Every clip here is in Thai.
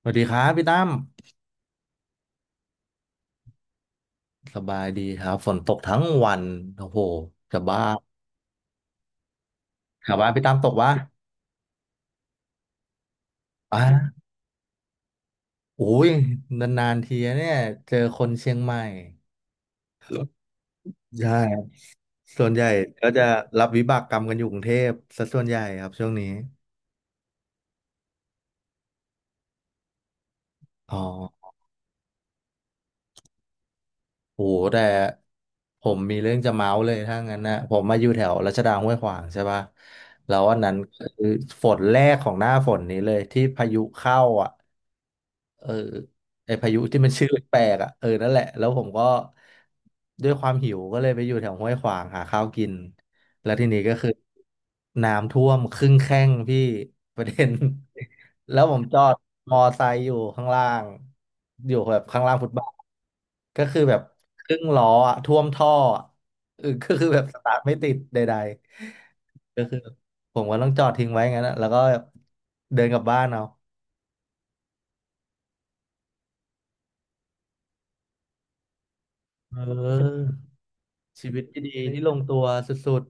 สวัสดีครับพี่ตั้มสบายดีครับฝนตกทั้งวันโอ้โหจะบ้าถามว่าพี่ตั้มตกวะอ่ะโอ้ย นานๆทีอะเนี่ยเจอคนเชียงใหม่ใช่ครับส่วนใหญ่ก็จะรับวิบากกรรมกันอยู่กรุงเทพซะส่วนใหญ่ครับช่วงนี้อ๋อ โหแต่ผมมีเรื่องจะเมาส์เลยถ้างั้นนะผมมาอยู่แถวรัชดาห้วยขวางใช่ปะแล้ววันนั้นคือฝนแรกของหน้าฝนนี้เลยที่พายุเข้าอ่ะเออไอพายุที่มันชื่อแปลกๆอ่ะเออนั่นแหละแล้วผมก็ด้วยความหิวก็เลยไปอยู่แถวห้วยขวางหาข้าวกินแล้วทีนี้ก็คือน้ำท่วมครึ่งแข้งพี่ประเด็น แล้วผมจอดมอไซค์อยู่ข้างล่างอยู่แบบข้างล่างฟุตบาทก็คือแบบครึ่งล้ออะท่วมท่ออะก็คือแบบสตาร์ทไม่ติดใดๆก็คือผมก็ต้องจอดทิ้งไว้งั้นอะแล้วก็แบบเดินกลับบ้านเอาเออชีวิตที่ดีที่ลงตัวสุด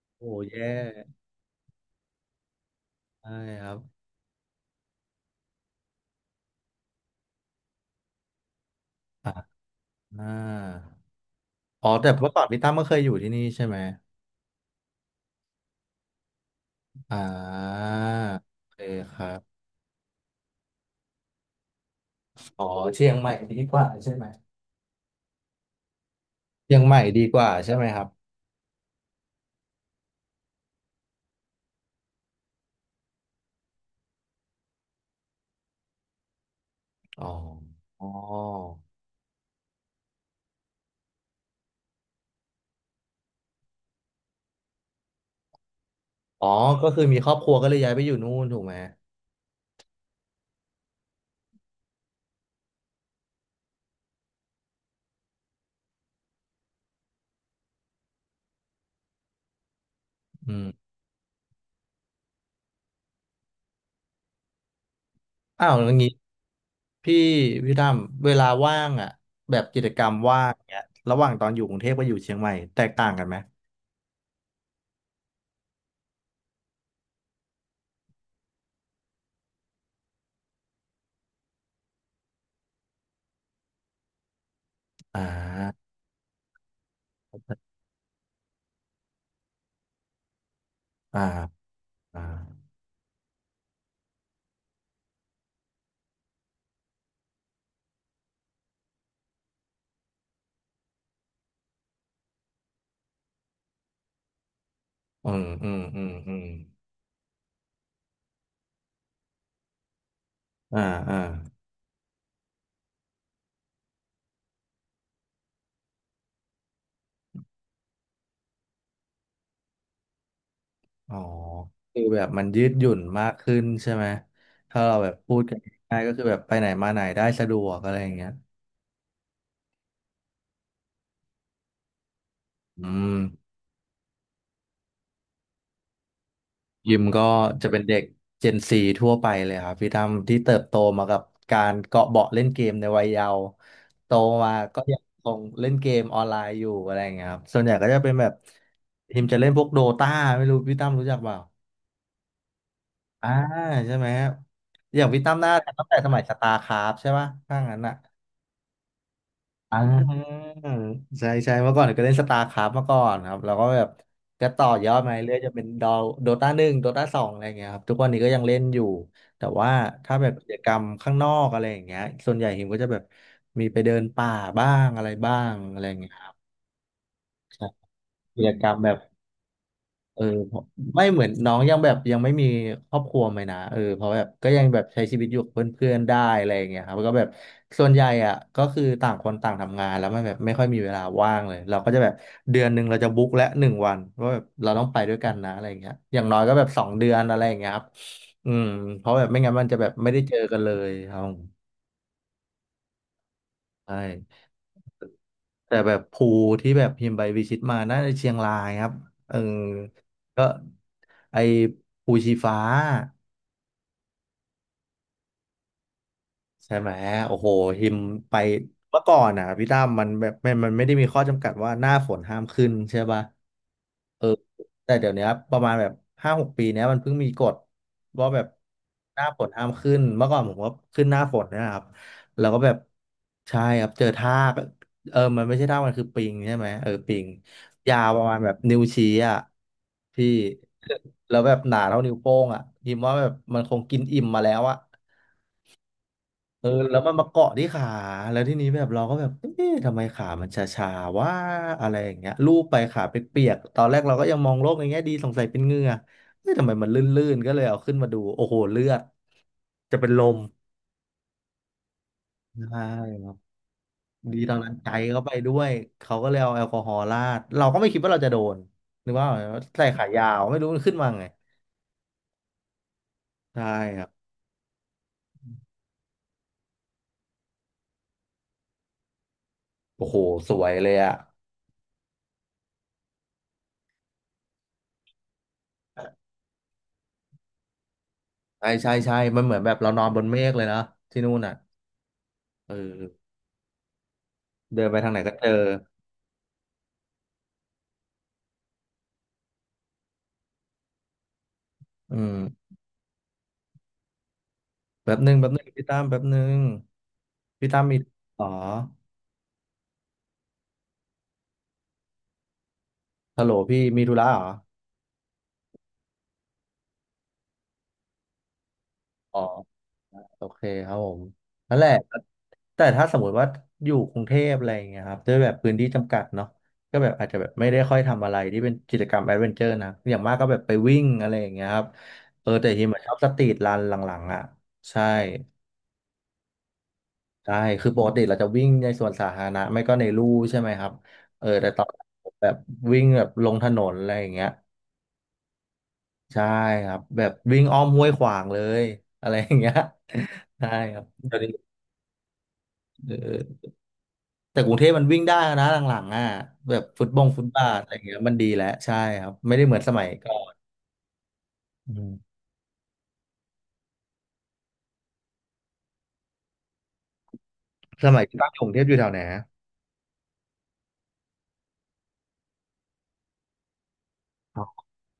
ๆโอ้แย่ใช่ครับอ่าอ่าอ๋อแต่เมื่อก่อนพี่ตั้มก็เคยอยู่ที่นี่ใช่ไหมอ่าโอเคครับอ๋อเชียงใหม่ดีกว่าใช่ไหม เชียงใหม่ดีกว่าใช่ไหมครับอ๋ออ๋ออ๋อก็คือมีครอบครัวก็เลยย้ายไปอยู่นู่นถูกไหมอืมอ้าวแล้วงี้พี่พี่ตั้มเวลาว่างอ่ะแบบกิจกรรมว่างเนี้ยระหว่างตอนอยู่กรุงเทพกับอยู่เชียงใหม่แตกต่างกันไหมอ่าอ่าอ่าอืมอืมอืมอืมอ่าอ่าอ๋อคือแบบมันยืดหยุ่นมากขึ้นใช่ไหมถ้าเราแบบพูดกันง่ายๆก็คือแบบไปไหนมาไหนได้สะดวกอะไรอย่างเงี้ยอืม ยิมก็จะเป็นเด็ก Gen 4ทั่วไปเลยครับพี่ตั้มที่เติบโตมากับการเกาะเบาะเล่นเกมในวัยเยาว์โตมาก็ยังคงเล่นเกมออนไลน์อยู่อะไรอย่างเงี้ยครับส่วนใหญ่ก็จะเป็นแบบทีมจะเล่นพวกโดตาไม่รู้พี่ตั้มรู้จักเปล่าอ่าใช่ไหมครับอย่างพี่ตั้มน่าจะตั้งแต่สมัยสตาร์คราฟใช่ป่ะถ้างั้นอ่ะ อ่าใช่ใช่เมื่อก่อนก็เล่นสตาร์คราฟมาก่อนครับแล้วก็แบบก็ต่อยอดมาเรื่อยจะเป็นโดตาหนึ่งโดตาสองอะไรอย่างเงี้ยครับทุกวันนี้ก็ยังเล่นอยู่แต่ว่าถ้าแบบกิจกรรมข้างนอกอะไรอย่างเงี้ยส่วนใหญ่หิมก็จะแบบมีไปเดินป่าบ้างอะไรบ้างอะไรอย่างเงี้ยครับใช่กิจกรรมแบบ เออเพราะไม่เหมือนน้องยังแบบยังไม่มีครอบครัวไหมนะเออเพราะแบบก็ยังแบบใช้ชีวิตอยู่กับเพื่อนๆได้อะไรอย่างเงี้ยครับแล้วก็แบบส่วนใหญ่อ่ะก็คือต่างคนต่างทำงานแล้วมันแบบไม่ค่อยมีเวลาว่างเลยเราก็จะแบบเดือนหนึ่งเราจะบุ๊กและหนึ่งวันว่าแบบเราต้องไปด้วยกันนะอะไรอย่างเงี้ยอย่างน้อยก็แบบสองเดือนอะไรอย่างเงี้ยครับอืมเพราะแบบไม่งั้นมันจะแบบไม่ได้เจอกันเลยครับใช่ แต่แบบภูที่แบบพิมพ์ใบวิชิตมาน่าจะเชียงรายครับเออก็ไอภูชีฟ้า ใช่ไหมโอ้โหหิมไปเมื่อก่อนอ่ะพี่ตั้มมันแบบมันไม่ได้มีข้อจำกัดว่าหน้าฝนห้ามขึ้นใช่ป่ะเออแต่เดี๋ยวเนี้ยประมาณแบบห้าหกปีเนี้ยมันเพิ่งมีกฎว่าแบบหน้าฝนห้ามขึ้นเมื่อก่อนผมก็ขึ้นหน้าฝนเนยนะครับแล้วก็แบบใช่ครับเจอทากเออมันไม่ใช่ทากมันคือปิงใช่ไหมเออปิงยาวประมาณแบบนิ้วชี้อ่ะพี่ แล้วแบบหนาเท่านิ้วโป้งอ่ะหิมว่าแบบมันคงกินอิ่มมาแล้วอ่ะ เออแล้วมันมาเกาะที่ขาแล้วที่นี้แบบเราก็แบบเอ๊ะทำไมขามันชาๆว่าอะไรอย่างเงี้ยลูบไปขาเปียกๆตอนแรกเราก็ยังมองโลกในแง่ดีสงสัยเป็นเหงื่อเอ๊ะทำไมมันลื่นๆก็เลยเอาขึ้นมาดูโอ้โหเลือดจะเป็นลมใช่ดีตอนนั้นใจเขาไปด้วยเขาก็เลยเอาแอลกอฮอล์ราดเราก็ไม่คิดว่าเราจะโดนนึกว่าใส่ขายาวไม่รู้มันขึ้นมาไงใช่ครับโอ้โหสวยเลยอ่ะใช่ใช่ใช่มันเหมือนแบบเรานอนบนเมฆเลยนะที่นู่นอ่ะเออ เดินไปทางไหนก็เจออืมแป๊บหนึ่งแป๊บหนึ่งพี่ตั้มแป๊บหนึ่งพี่ตั้มมีอ๋อฮัลโหลพี่มีธุระเหรออ๋อโอเคครับผม นั่นแหละ แต่ถ้าสมมติว่าอยู่กรุงเทพอะไรอย่างเงี้ยครับด้วยแบบพื้นที่จำกัดเนาะก็แบบอาจจะแบบไม่ได้ค่อยทำอะไรที่เป็นกิจกรรมแอดเวนเจอร์นะอย่างมากก็แบบไปวิ่งอะไรอย่างเงี้ยครับเออแต่ฮิมอะชอบสตรีทรันหลังๆอ่ะใช่ ใช่คือปกติเราจะวิ่งในสวนสาธารณะไม่ก็ในลู่ใช่ไหมครับเออแต่ตอนนั้นผมแบบวิ่งแบบลงถนนอะไรอย่างเงี้ยใช่ครับแบบวิ่งอ้อมห้วยขวางเลยอะไรอย่างเงี้ย ใช่ครับเดี๋ยวนี้เออแต่กรุงเทพมันวิ่งได้นะหลังๆอ่ะแบบฟุตบาทอะไรอย่างเงี้ยมันดีแล้วใช่ครับไม่ได้เหมือนสมัยก่อนอืมสมัยที่ตั้งกรุงเทพอยู่แถวไหนอะ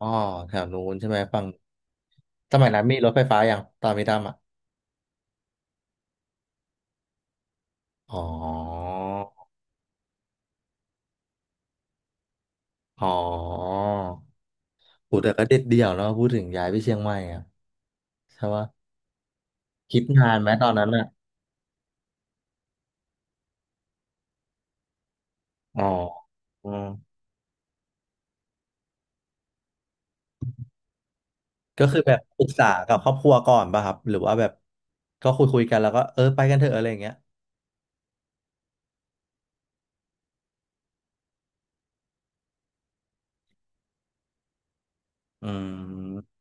อ๋อแถวนู้นใช่ไหมฝั่งสมัยนั้นมีรถไฟฟ้ายังตอนพี่ตั้มอ่ะอ๋ออ๋อ โหแต่ก็เด็ดเดี่ยวเนาะพูดถึงย้ายไปเชียงใหม่อะใช่ปะคิดนานไหมตอนนั้นอะอ๋ออืมก็คือแบบปรึกษากับครอบครัวก่อนป่ะครับหรือว่าแบบก็คุยกันแล้วก็เออไปกันเถอะอะไรอย่างเงี้ยอืม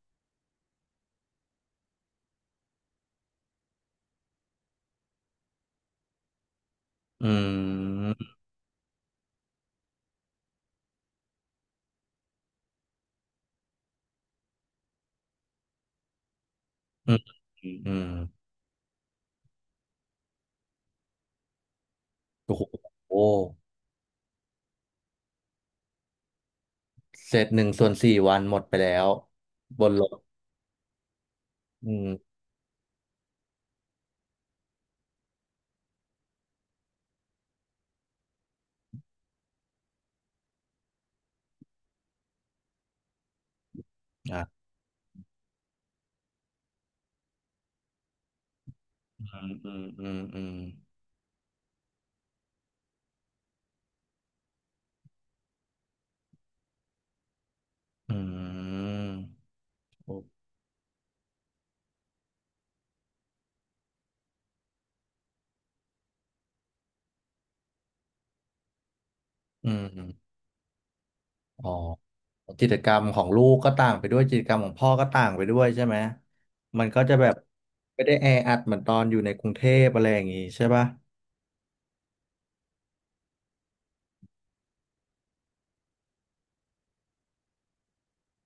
อืมอืมอืมอืมโอ้โหเสร็จหนึ่งส่วนสี่วันหมดไปแล้วบนรถอืมอ่ะอืมอืมอืมอืมอืมโอ้อืม อ๋อกิจกรรมของลูกก็ต่างไปด้วยกิจกรรมของพ่อก็ต่างไปด้วยใช่ไหมมันก็จะแบบไม่ได้แออัดเหมือนตอนอยู่ในกรุงเทพอะไรอย่างงี้ใช่ปะ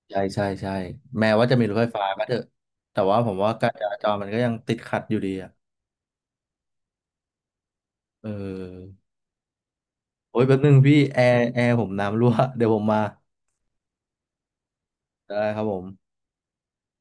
ใช่ใช่ใช่แม้ว่าจะมีรถไฟฟ้าก็เถอะ แต่ว่าผมว่าการจราจรมันก็ยังติดขัดอยู่ดีอ่ะเออโอ้ยแป๊บนึงพี่แอร์ผมน้ำรั่วเดี๋ยวผมมาได้ครับผม